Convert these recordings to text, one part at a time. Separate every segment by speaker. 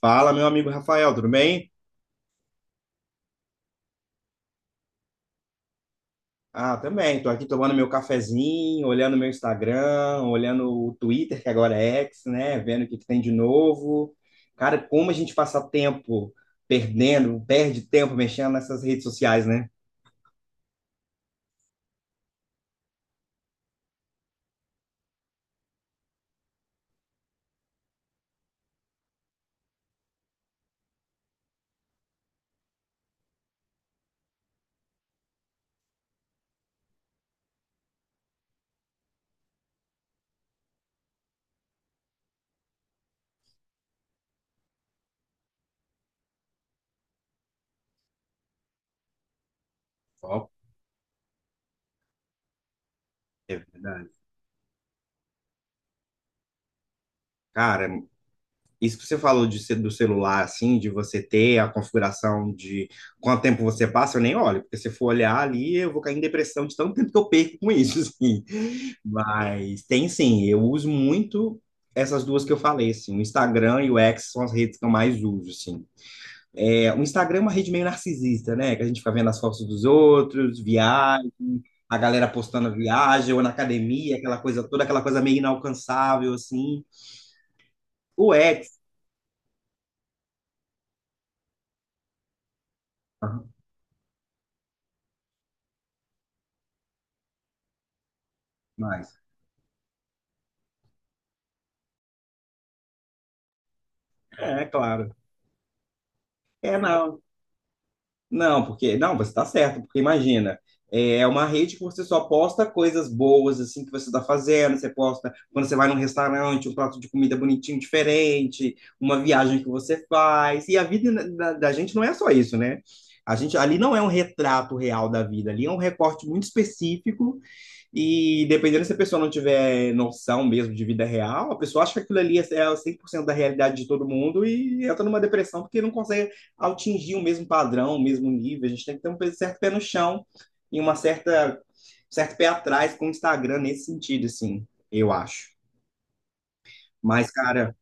Speaker 1: Fala, meu amigo Rafael, tudo bem? Ah, também. Tô aqui tomando meu cafezinho, olhando meu Instagram, olhando o Twitter, que agora é X, né? Vendo o que que tem de novo. Cara, como a gente passa tempo perde tempo mexendo nessas redes sociais, né? Ó, é verdade. Cara, isso que você falou do celular, assim, de você ter a configuração de quanto tempo você passa, eu nem olho, porque se eu for olhar ali, eu vou cair em depressão de tanto tempo que eu perco com isso, assim. Mas tem sim, eu uso muito essas duas que eu falei, assim, o Instagram e o X são as redes que eu mais uso, assim. É, o Instagram é uma rede meio narcisista, né? Que a gente fica vendo as fotos dos outros, viagem, a galera postando viagem ou na academia, aquela coisa toda, aquela coisa meio inalcançável, assim. O X, aham, mas é claro. É, não. Não, porque. Não, você está certo, porque imagina. É uma rede que você só posta coisas boas, assim, que você está fazendo. Você posta quando você vai num restaurante, um prato de comida bonitinho, diferente, uma viagem que você faz. E a vida da, da gente não é só isso, né? A gente, ali não é um retrato real da vida, ali é um recorte muito específico e dependendo se a pessoa não tiver noção mesmo de vida real, a pessoa acha que aquilo ali é 100% da realidade de todo mundo e entra numa depressão porque não consegue atingir o mesmo padrão, o mesmo nível. A gente tem que ter um certo pé no chão e uma certa certo pé atrás com o Instagram nesse sentido, assim, eu acho. Mas, cara,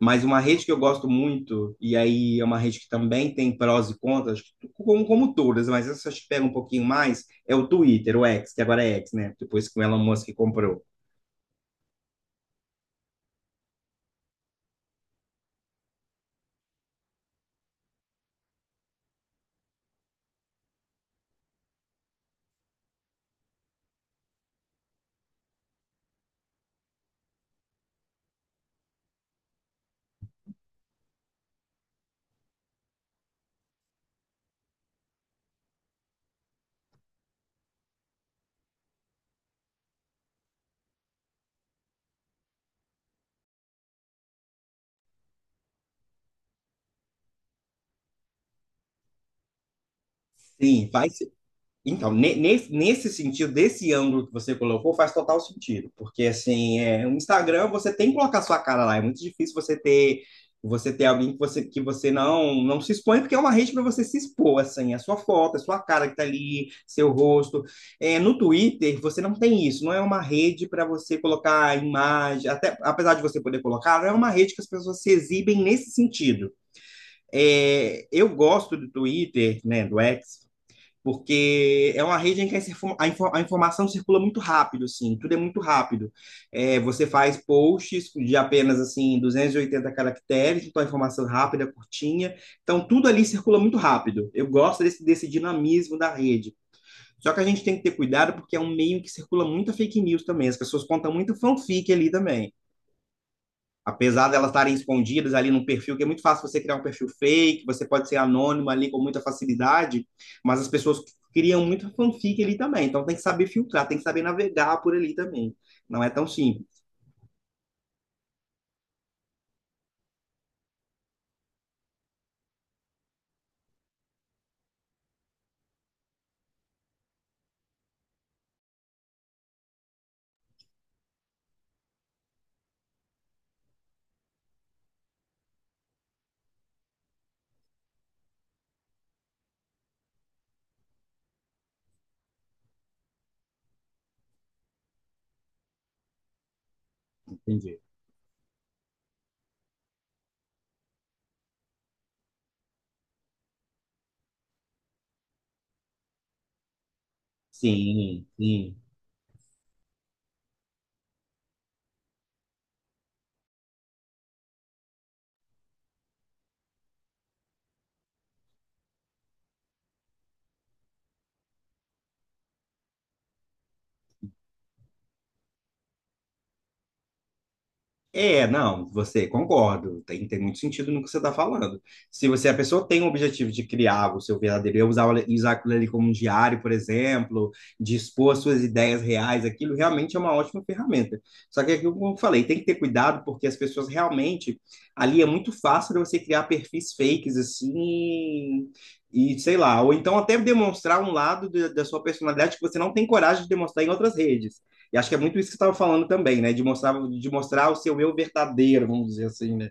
Speaker 1: mas uma rede que eu gosto muito, e aí é uma rede que também tem prós e contras, acho que como, como todas, mas essa acho que pega um pouquinho mais, é o Twitter, o X, que agora é X, né? Depois que o Elon Musk comprou. Sim, vai ser. Então, nesse sentido, desse ângulo que você colocou, faz total sentido. Porque, assim, é, o Instagram, você tem que colocar sua cara lá. É muito difícil você ter alguém que você não se expõe, porque é uma rede para você se expor, assim. A sua foto, a sua cara que tá ali, seu rosto. É, no Twitter, você não tem isso. Não é uma rede para você colocar a imagem. Até, apesar de você poder colocar, não é uma rede que as pessoas se exibem nesse sentido. É, eu gosto do Twitter, né, do X, porque é uma rede em que a informação circula muito rápido, assim, tudo é muito rápido. É, você faz posts de apenas, assim, 280 caracteres, então a informação é rápida, curtinha, então tudo ali circula muito rápido. Eu gosto desse, desse dinamismo da rede. Só que a gente tem que ter cuidado porque é um meio que circula muita fake news também, as pessoas contam muito fanfic ali também, apesar delas estarem escondidas ali num perfil, que é muito fácil você criar um perfil fake, você pode ser anônimo ali com muita facilidade, mas as pessoas criam muito fanfic ali também, então tem que saber filtrar, tem que saber navegar por ali também. Não é tão simples. Entendi. Sim, sim. É, não, você concordo, tem muito sentido no que você está falando. Se você, a pessoa tem o objetivo de criar o seu verdadeiro eu, usar aquilo ali como um diário, por exemplo, de expor as suas ideias reais, aquilo realmente é uma ótima ferramenta. Só que é aquilo que eu falei, tem que ter cuidado, porque as pessoas realmente, ali é muito fácil de você criar perfis fakes, assim, e sei lá, ou então até demonstrar um lado da sua personalidade que você não tem coragem de demonstrar em outras redes. E acho que é muito isso que você estava falando também, né? De mostrar o seu eu verdadeiro, vamos dizer assim, né?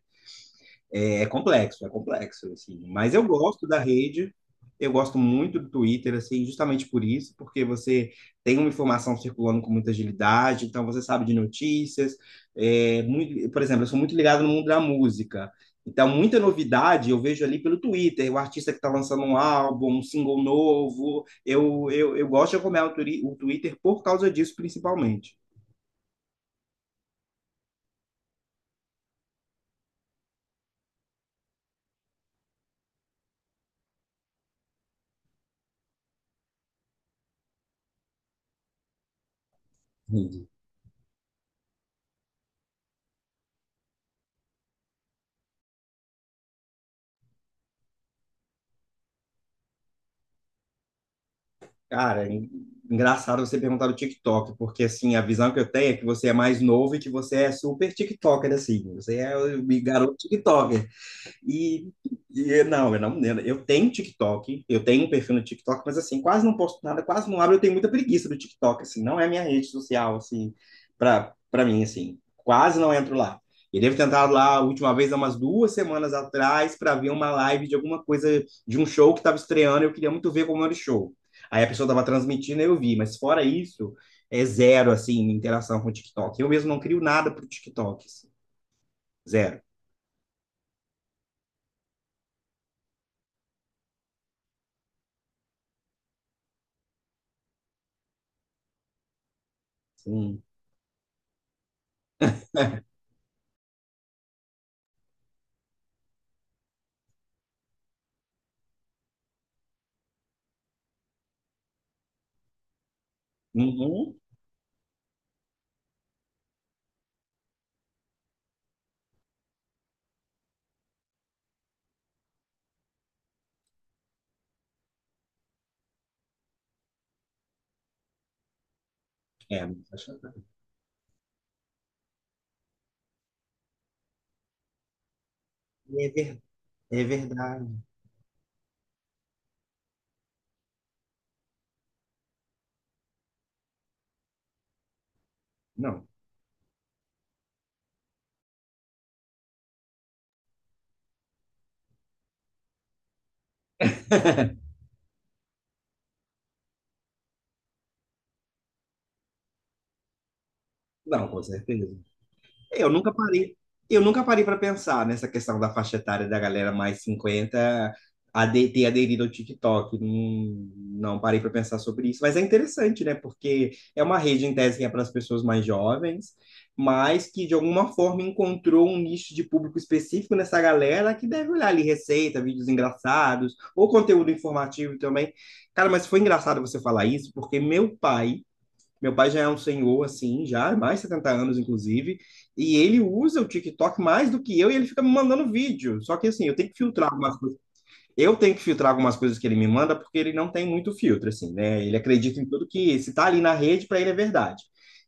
Speaker 1: é, complexo, é complexo, assim. Mas eu gosto da rede, eu gosto muito do Twitter, assim, justamente por isso, porque você tem uma informação circulando com muita agilidade, então você sabe de notícias. É, muito, por exemplo, eu sou muito ligado no mundo da música. Então, muita novidade eu vejo ali pelo Twitter, o artista que está lançando um álbum, um single novo. Eu gosto de acompanhar o Twitter por causa disso, principalmente. Entendi. Cara, engraçado você perguntar do TikTok, porque assim, a visão que eu tenho é que você é mais novo e que você é super TikToker, assim. Você é o garoto TikToker. E, e não, eu não, eu tenho TikTok, eu tenho um perfil no TikTok, mas assim, quase não posto nada, quase não abro, eu tenho muita preguiça do TikTok, assim, não é a minha rede social, assim, pra mim, assim, quase não entro lá. Eu devo ter entrado lá a última vez, há umas duas semanas atrás, para ver uma live de alguma coisa, de um show que estava estreando, eu queria muito ver como era o show. Aí a pessoa estava transmitindo, e eu vi, mas fora isso, é zero, assim, interação com o TikTok. Eu mesmo não crio nada para o TikTok, assim, zero. Assim, uhum. É, mas acho que é ver- é verdade. Não. Não, com certeza. Eu nunca parei, eu nunca parei para pensar nessa questão da faixa etária da galera mais 50 ter aderido ao TikTok. Não, não parei para pensar sobre isso, mas é interessante, né? Porque é uma rede em tese que é para as pessoas mais jovens, mas que de alguma forma encontrou um nicho de público específico nessa galera que deve olhar ali receita, vídeos engraçados ou conteúdo informativo também. Cara, mas foi engraçado você falar isso, porque meu pai já é um senhor, assim, já, mais de 70 anos, inclusive, e ele usa o TikTok mais do que eu e ele fica me mandando vídeo. Só que, assim, eu tenho que filtrar algumas coisas. Eu tenho que filtrar algumas coisas que ele me manda porque ele não tem muito filtro, assim, né? Ele acredita em tudo que, se tá ali na rede, para ele é verdade.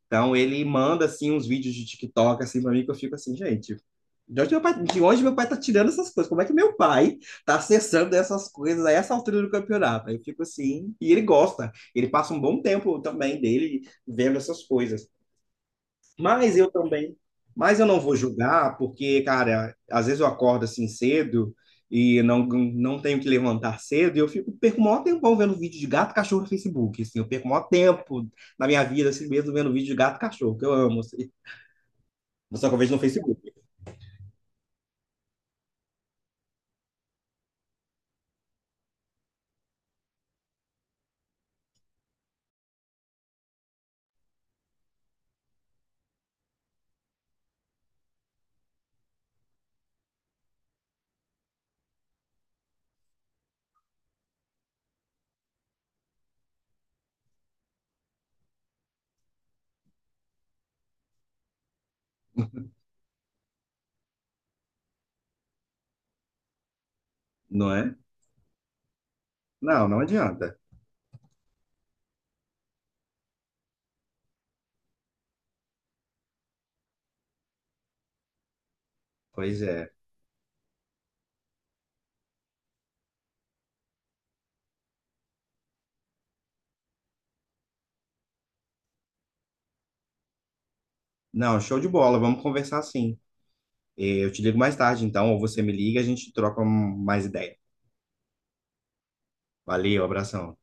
Speaker 1: Então, ele manda, assim, uns vídeos de TikTok, assim, para mim, que eu fico assim, gente, de onde, meu pai, de onde meu pai tá tirando essas coisas? Como é que meu pai tá acessando essas coisas a essa altura do campeonato? Aí eu fico assim, e ele gosta, ele passa um bom tempo também dele vendo essas coisas. Mas eu também, mas eu não vou julgar, porque, cara, às vezes eu acordo assim cedo e não tenho que levantar cedo, e perco o maior tempão vendo vídeo de gato e cachorro no Facebook, assim, eu perco o maior tempo na minha vida, assim mesmo, vendo vídeo de gato e cachorro, que eu amo, assim. Só que eu vejo no Facebook, não é? Não, não adianta. Pois é. Não, show de bola. Vamos conversar sim. Eh, eu te ligo mais tarde, então, ou você me liga, a gente troca mais ideia. Valeu, abração.